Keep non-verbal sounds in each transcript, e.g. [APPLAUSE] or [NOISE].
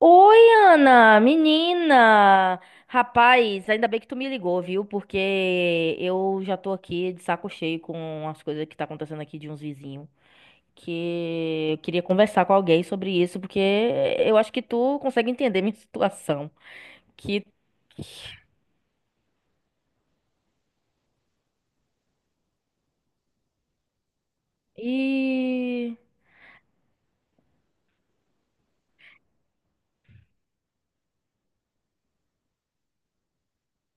Oi, Ana, menina! Rapaz, ainda bem que tu me ligou, viu? Porque eu já tô aqui de saco cheio com as coisas que tá acontecendo aqui de uns vizinhos. Que eu queria conversar com alguém sobre isso, porque eu acho que tu consegue entender minha [LAUGHS] situação. Que. E.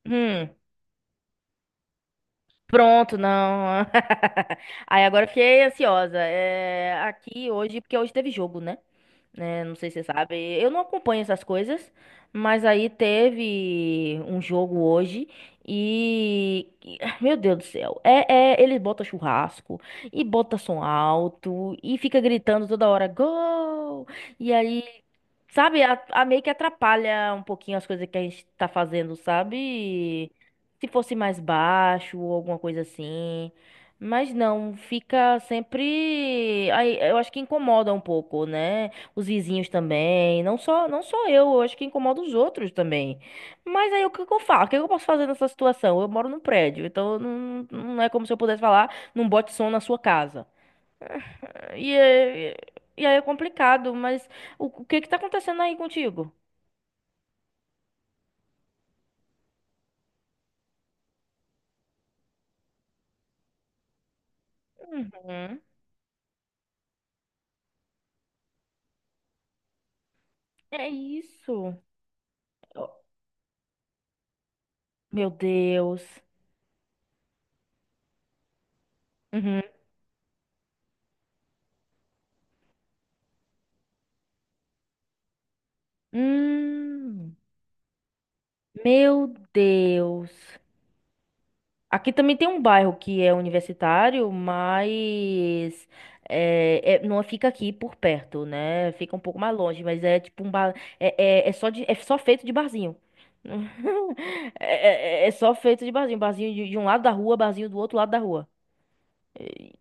Hum. Pronto, não. [LAUGHS] Aí agora eu fiquei ansiosa. É, aqui hoje, porque hoje teve jogo, né? Né, não sei se você sabe. Eu não acompanho essas coisas, mas aí teve um jogo hoje. Ah, meu Deus do céu. Eles botam churrasco e botam som alto e fica gritando toda hora, gol! E aí. Sabe, a meio que atrapalha um pouquinho as coisas que a gente tá fazendo, sabe? Se fosse mais baixo ou alguma coisa assim. Mas não, fica sempre. Aí, eu acho que incomoda um pouco, né? Os vizinhos também. Não só eu acho que incomoda os outros também. Mas aí o que que eu faço? O que que eu posso fazer nessa situação? Eu moro num prédio, então não, não é como se eu pudesse falar, não bote som na sua casa. E, é- e aí é complicado, mas o que que tá acontecendo aí contigo? Uhum. É isso. Oh, meu Deus. Uhum. Hum, meu Deus. Aqui também tem um bairro que é universitário, mas não fica aqui por perto, né? Fica um pouco mais longe, mas é tipo um bar. É, é só feito de barzinho. [LAUGHS] É só feito de barzinho. Barzinho de um lado da rua, barzinho do outro lado da rua. E-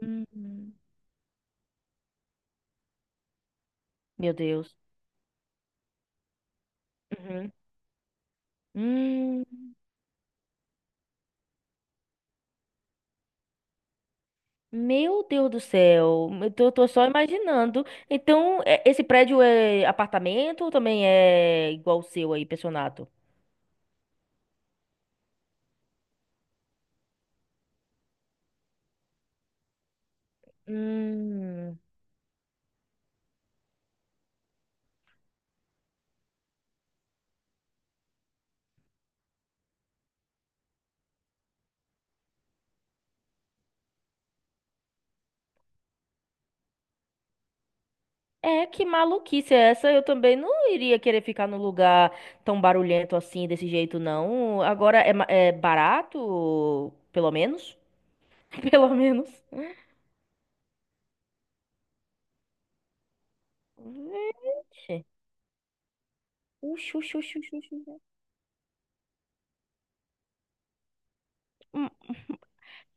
Hum. Meu Deus. Uhum. Hum. Meu Deus do céu, eu tô só imaginando. Então, esse prédio é apartamento ou também é igual o seu aí, pensionato? Hum, É, que maluquice é essa? Eu também não iria querer ficar num lugar tão barulhento assim, desse jeito, não. Agora, é barato, pelo menos? [LAUGHS] Pelo menos. Gente, uxi, uxi, uxi, uxi, uxi.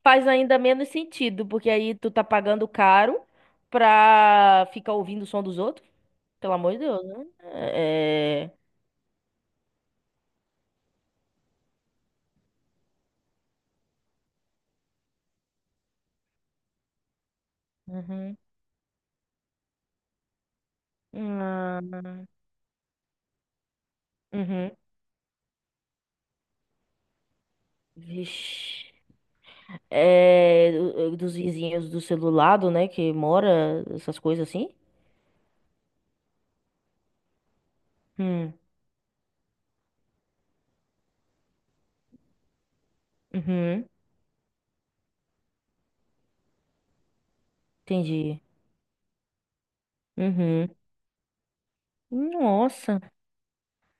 Faz ainda menos sentido, porque aí tu tá pagando caro pra ficar ouvindo o som dos outros. Pelo amor de Deus, né? Uhum. Hum, uhum. Vixe. Dos vizinhos do celular, né? Que mora, essas coisas assim. Hum. Uhum. Entendi. Uhum. Nossa.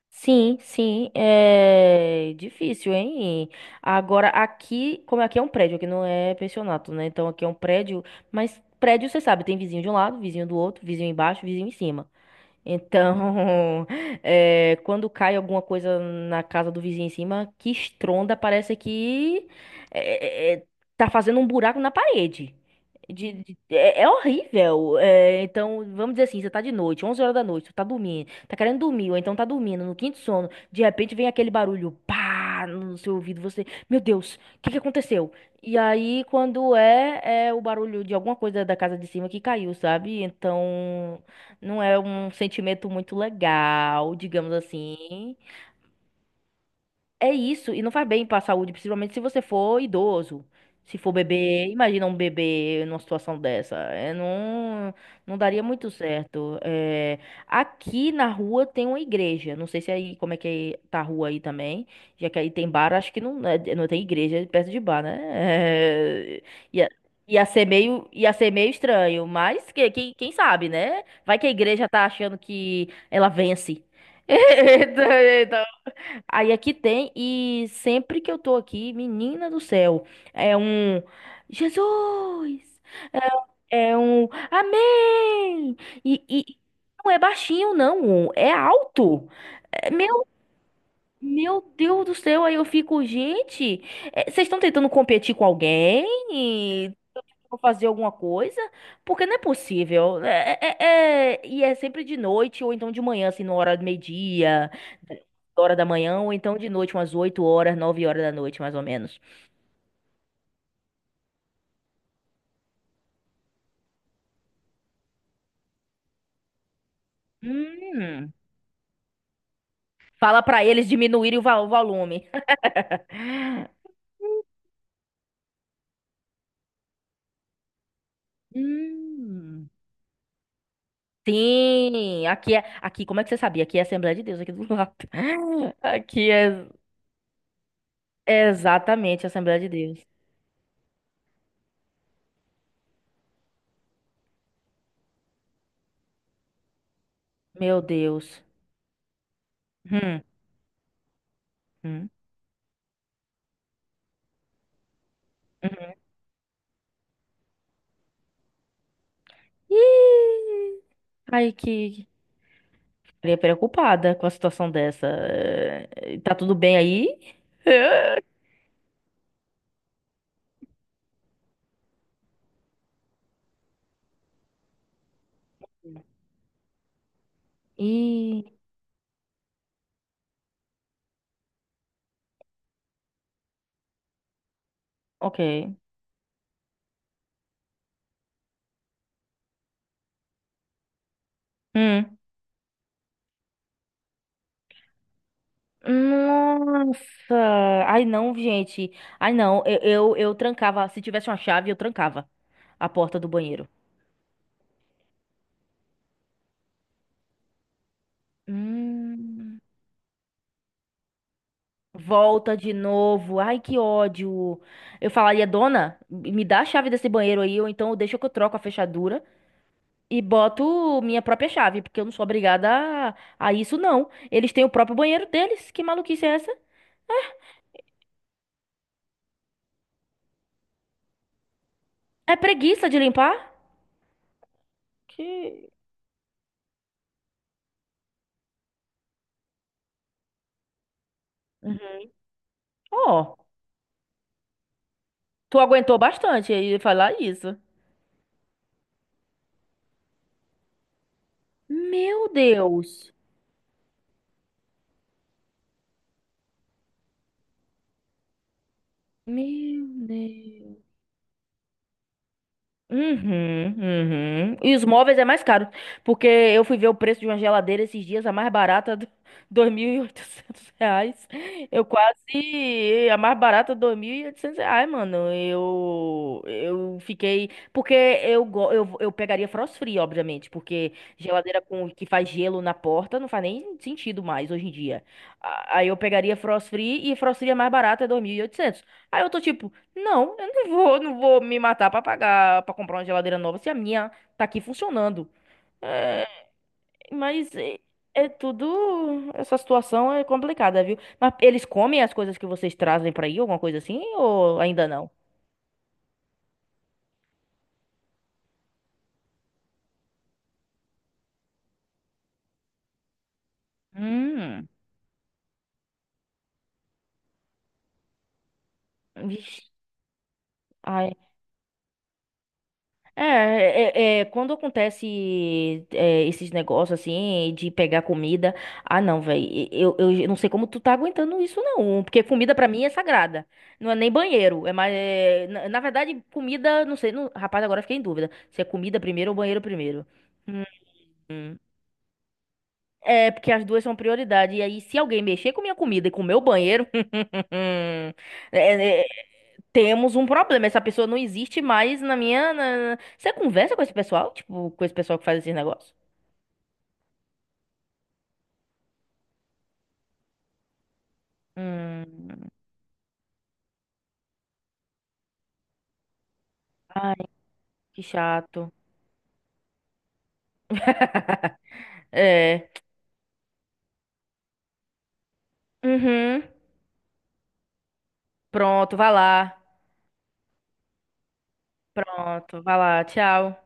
Sim, sim, é difícil, hein? Agora, aqui, como aqui é um prédio, aqui não é pensionato, né? Então, aqui é um prédio, mas prédio, você sabe, tem vizinho de um lado, vizinho do outro, vizinho embaixo, vizinho em cima. Então, [LAUGHS] quando cai alguma coisa na casa do vizinho em cima, que estronda, parece que é, é, é, tá fazendo um buraco na parede. É horrível. É, então, vamos dizer assim, você tá de noite, 11 horas da noite, você tá dormindo, tá querendo dormir, ou então tá dormindo, no quinto sono, de repente vem aquele barulho, pá, no seu ouvido, você, meu Deus, o que que aconteceu? E aí, quando é o barulho de alguma coisa da casa de cima que caiu, sabe? Então. Não é um sentimento muito legal, digamos assim. É isso, e não faz bem pra saúde, principalmente se você for idoso. Se for bebê, imagina um bebê numa situação dessa. É, não, não daria muito certo. É, aqui na rua tem uma igreja. Não sei se aí como é que tá a rua aí também. Já que aí tem bar, acho que não, é, não tem igreja perto de bar, né? [LAUGHS] É, ia, ia ser meio estranho, mas quem sabe, né? Vai que a igreja tá achando que ela vence. [LAUGHS] Aí aqui tem, e sempre que eu tô aqui, menina do céu, é um Jesus, é é um Amém! E não é baixinho, não, é alto. É, meu Deus do céu, aí eu fico, gente, é, vocês estão tentando competir com alguém? Vou fazer alguma coisa, porque não é possível. Né? E é sempre de noite, ou então de manhã, assim, na hora do meio-dia, hora da manhã, ou então de noite, umas 8 horas, 9 horas da noite, mais ou menos. Hum, fala pra eles diminuírem o volume. Hum. Sim, como é que você sabia? Aqui é Assembleia de Deus, aqui do lado. [LAUGHS] Aqui é exatamente a Assembleia de Deus. Meu Deus. Hum, hum, hum. Ih, ai, ficaria preocupada com a situação dessa. Tá tudo bem aí? E. Ok. Hum. Nossa! Ai não, gente. Ai não, eu trancava. Se tivesse uma chave, eu trancava a porta do banheiro. Hum. Volta de novo. Ai, que ódio. Eu falaria, dona, me dá a chave desse banheiro aí, ou então deixa que eu troco a fechadura. E boto minha própria chave, porque eu não sou obrigada a isso, não. Eles têm o próprio banheiro deles. Que maluquice é essa? É preguiça de limpar? Que. Uhum. Ó, tu aguentou bastante aí falar isso. Meu Deus. Meu Deus. Uhum, uhum. E os móveis é mais caro, porque eu fui ver o preço de uma geladeira esses dias, a mais barata, [LAUGHS] R$ 2.800. Eu quase, a mais barata, R$ 2.800, mano. Eu fiquei, porque eu pegaria frost free, obviamente, porque geladeira com, que faz gelo na porta não faz nem sentido mais hoje em dia. Aí eu pegaria frost free e frost free é mais barata, é 2.800. Aí eu tô tipo, não, eu não vou me matar pra pagar, pra comprar uma geladeira nova se a minha tá aqui funcionando. Mas é tudo. Essa situação é complicada, viu? Mas eles comem as coisas que vocês trazem pra aí, alguma coisa assim, ou ainda não? Hum, vixe. Quando acontece esses negócios assim de pegar comida, ah não, velho, eu não sei como tu tá aguentando isso não, porque comida pra mim é sagrada, não é nem banheiro, é mais, na verdade comida, não sei, não, rapaz, agora eu fiquei em dúvida, se é comida primeiro ou banheiro primeiro. Hum. Hum. É, porque as duas são prioridade. E aí, se alguém mexer com minha comida e com o meu banheiro, [LAUGHS] é, é, temos um problema. Essa pessoa não existe mais na minha. Você conversa com esse pessoal? Tipo, com esse pessoal que faz esses negócios? Hum. Ai, que chato. [LAUGHS] É. Uhum. Pronto, vai lá. Pronto, vai lá. Tchau.